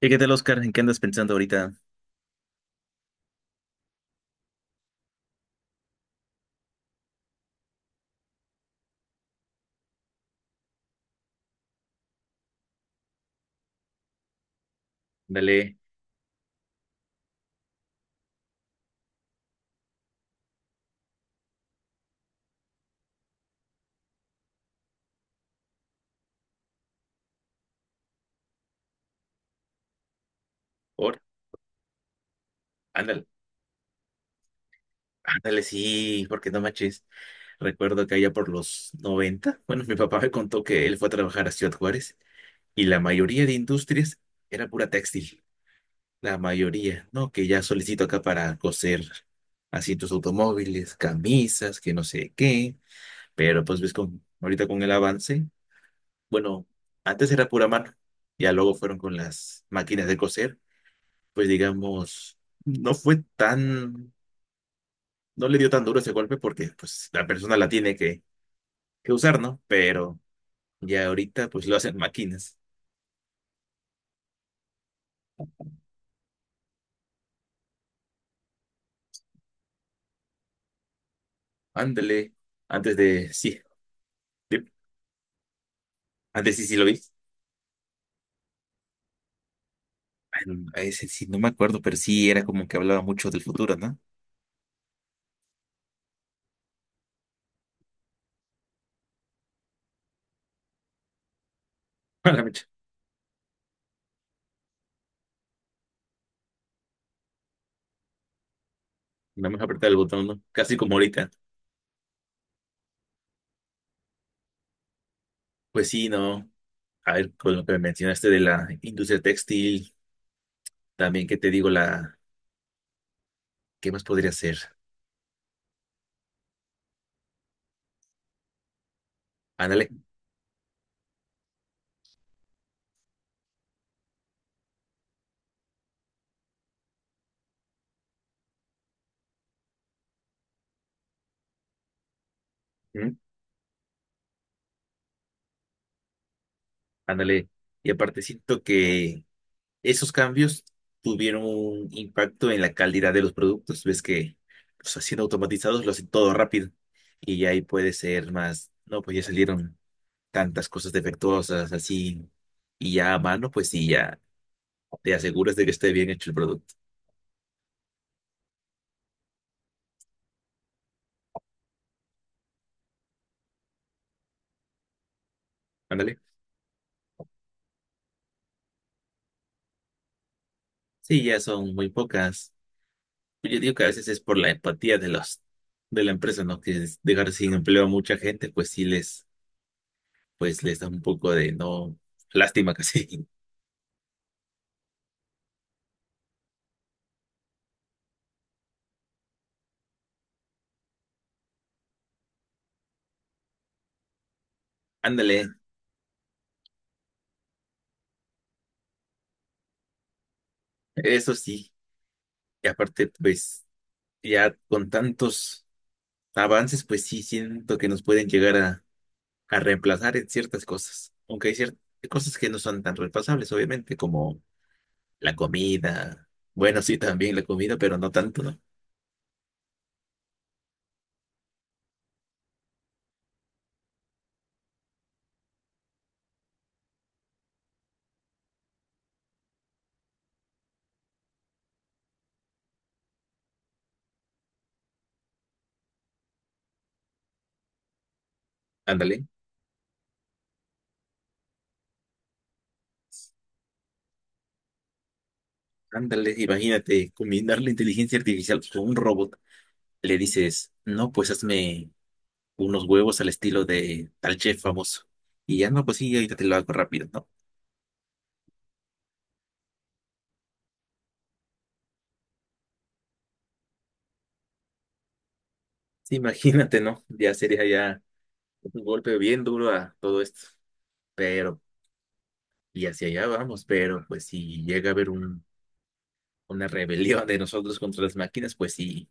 ¿Y qué tal, Oscar? ¿En qué andas pensando ahorita? Ándale, por, ándale, ándale, sí, porque no manches. Recuerdo que allá por los 90, bueno, mi papá me contó que él fue a trabajar a Ciudad Juárez y la mayoría de industrias era pura textil, la mayoría, ¿no? Que ya solicito acá para coser asientos automóviles, camisas, que no sé qué, pero pues ahorita con el avance, bueno, antes era pura mano, ya luego fueron con las máquinas de coser pues digamos, no fue tan, no le dio tan duro ese golpe porque pues la persona la tiene que usar, ¿no? Pero ya ahorita pues lo hacen máquinas. Ándale, sí, de- antes sí, sí lo vi. Bueno, a ese sí, no me acuerdo, pero sí era como que hablaba mucho del futuro, ¿no? A la mecha, no me apretar el botón, ¿no? Casi como ahorita. Pues sí, no. A ver, con lo que me mencionaste de la industria textil, también, ¿qué te digo? ¿Qué más podría ser? Ándale, ¿mm? Ándale. Y aparte siento que esos cambios tuvieron un impacto en la calidad de los productos. Ves que pues, siendo automatizados lo hacen todo rápido y ahí puede ser más, no, pues ya salieron tantas cosas defectuosas así y ya a mano, pues sí, ya te aseguras de que esté bien hecho el producto. Ándale. Sí, ya son muy pocas. Yo digo que a veces es por la empatía de los de la empresa, ¿no? Que es dejar sin empleo a mucha gente, pues les da un poco de no, lástima casi. Ándale, eso sí. Y aparte, pues ya con tantos avances, pues sí siento que nos pueden llegar a reemplazar en ciertas cosas. Aunque hay ciertas cosas que no son tan reemplazables, obviamente, como la comida. Bueno, sí, también la comida, pero no tanto, ¿no? Ándale, ándale, imagínate combinar la inteligencia artificial con un robot. Le dices, no, pues hazme unos huevos al estilo de tal chef famoso. Y ya no, pues sí, ahorita te lo hago rápido, ¿no? Sí, imagínate, ¿no? Ya sería ya. Un golpe bien duro a todo esto, pero, y hacia allá vamos, pero pues si llega a haber un, una rebelión de nosotros contra las máquinas, pues sí,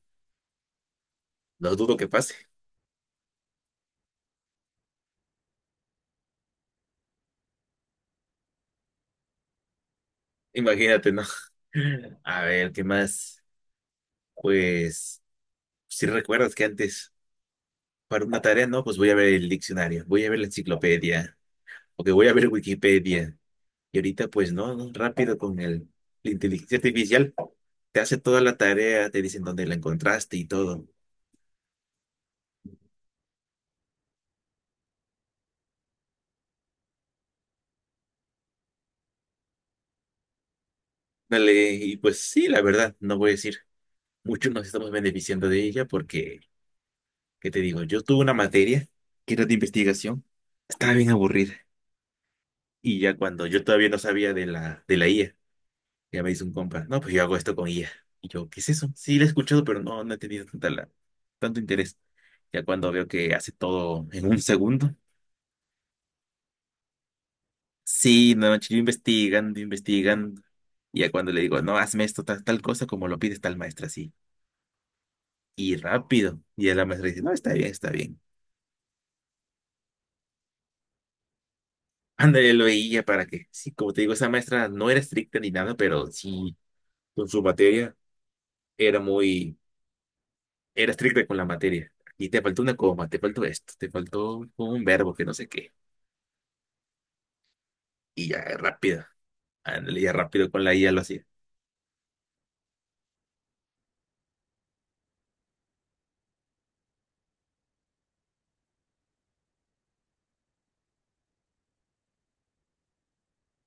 lo dudo que pase, imagínate, ¿no? A ver, ¿qué más? Pues, si recuerdas que antes, para una tarea, no, pues voy a ver el diccionario, voy a ver la enciclopedia, o que voy a ver Wikipedia, y ahorita pues no, no, rápido con el, la inteligencia artificial, te hace toda la tarea, te dicen dónde la encontraste y todo. Dale, y pues sí, la verdad, no voy a decir. Muchos nos estamos beneficiando de ella porque, ¿qué te digo? Yo tuve una materia que era de investigación, estaba bien aburrida. Y ya cuando yo todavía no sabía de la IA, ya me hizo un compa, no, pues yo hago esto con IA. Y yo, ¿qué es eso? Sí, la he escuchado, pero no, no he tenido tanto interés. Ya cuando veo que hace todo en un segundo, sí, no, yo investigando, investigando. Y ya cuando le digo, no, hazme esto, tal, tal cosa, como lo pides tal maestra, sí. Y rápido. Y ya la maestra dice, no, está bien, está bien. Ándale, lo veía para que, sí, como te digo, esa maestra no era estricta ni nada, pero sí, con su materia era muy, era estricta con la materia. Y te faltó una coma, te faltó esto, te faltó un verbo que no sé qué. Y ya, rápido, ándale, ya rápido con la IA lo hacía.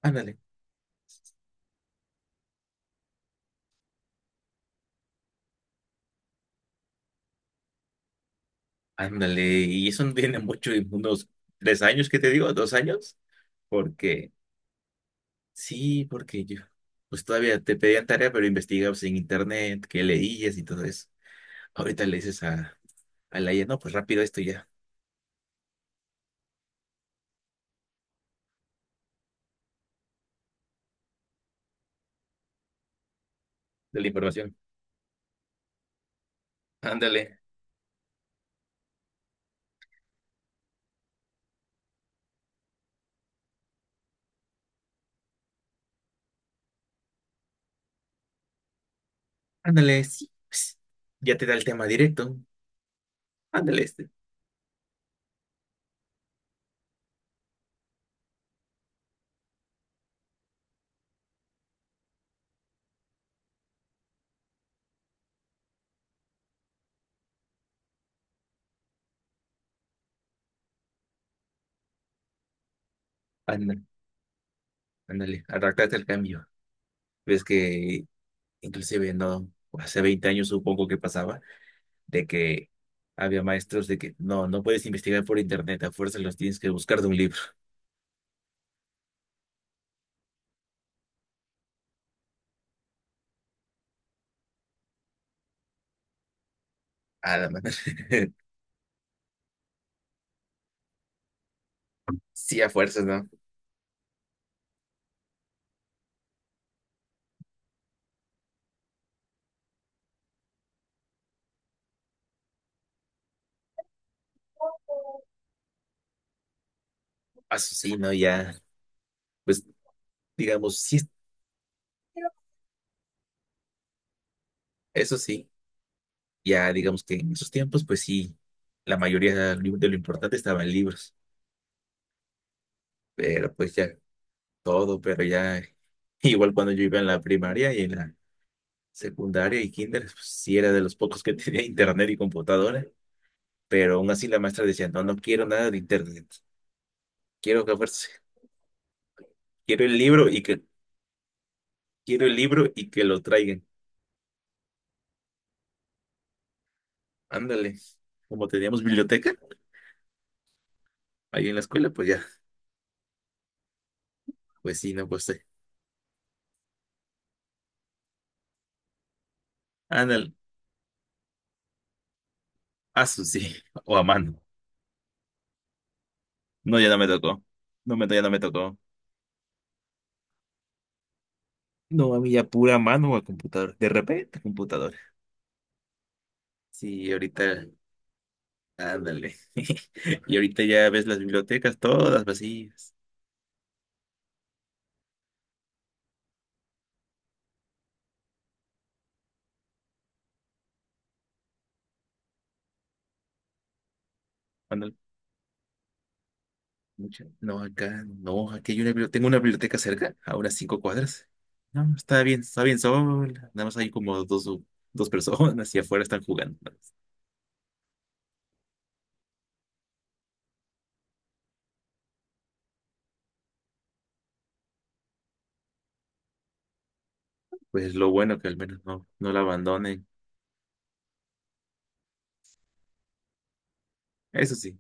Ándale, ándale. Y eso no tiene mucho, unos 3 años, ¿que te digo? ¿2 años? Porque, sí, porque yo, pues todavía te pedían tarea, pero investigabas en internet, qué leías y todo eso. Ahorita le dices a, la IA, no, pues rápido esto ya. De la información. Ándale, ándale, sí, pues, ya te da el tema directo. Ándale, este. Ándale, ándale, adaptarte al cambio. Ves que inclusive no, hace 20 años supongo que pasaba, de que había maestros de que no, no puedes investigar por internet, a fuerzas los tienes que buscar de un libro. Ah, la madre. Sí, a fuerzas, ¿no? Ah, eso sí, ¿no? Ya, pues digamos, sí, eso sí, ya digamos que en esos tiempos, pues sí, la mayoría de lo importante estaba en libros, pero pues ya todo, pero ya igual cuando yo iba en la primaria y en la secundaria y kinder, pues, sí era de los pocos que tenía internet y computadora, pero aún así la maestra decía, no, no quiero nada de internet, quiero que a fuerza- quiero el libro y que, lo traigan. Ándale, como teníamos biblioteca ahí en la escuela, pues ya, pues sí, no, pues sí. Ándale, a su sí, o a mano. No, ya no me tocó. No, ya no me tocó. No, a mí ya pura mano o a computador. De repente, computador. Sí, ahorita. Ándale. Y ahorita ya ves las bibliotecas todas vacías. Ándale. No, acá, no, aquí hay una biblioteca. Tengo una biblioteca cerca, a unas 5 cuadras. No, no, está bien sola. Nada más hay como dos personas y afuera están jugando. Pues lo bueno que al menos no, no la abandonen. Eso sí,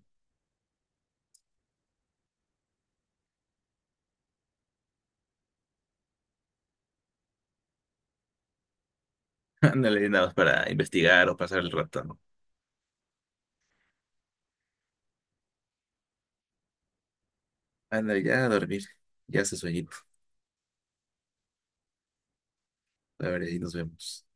ándale, nada más para investigar o pasar el rato, ¿no? Ándale, ya a dormir. Ya hace sueñito. A ver, ahí nos vemos.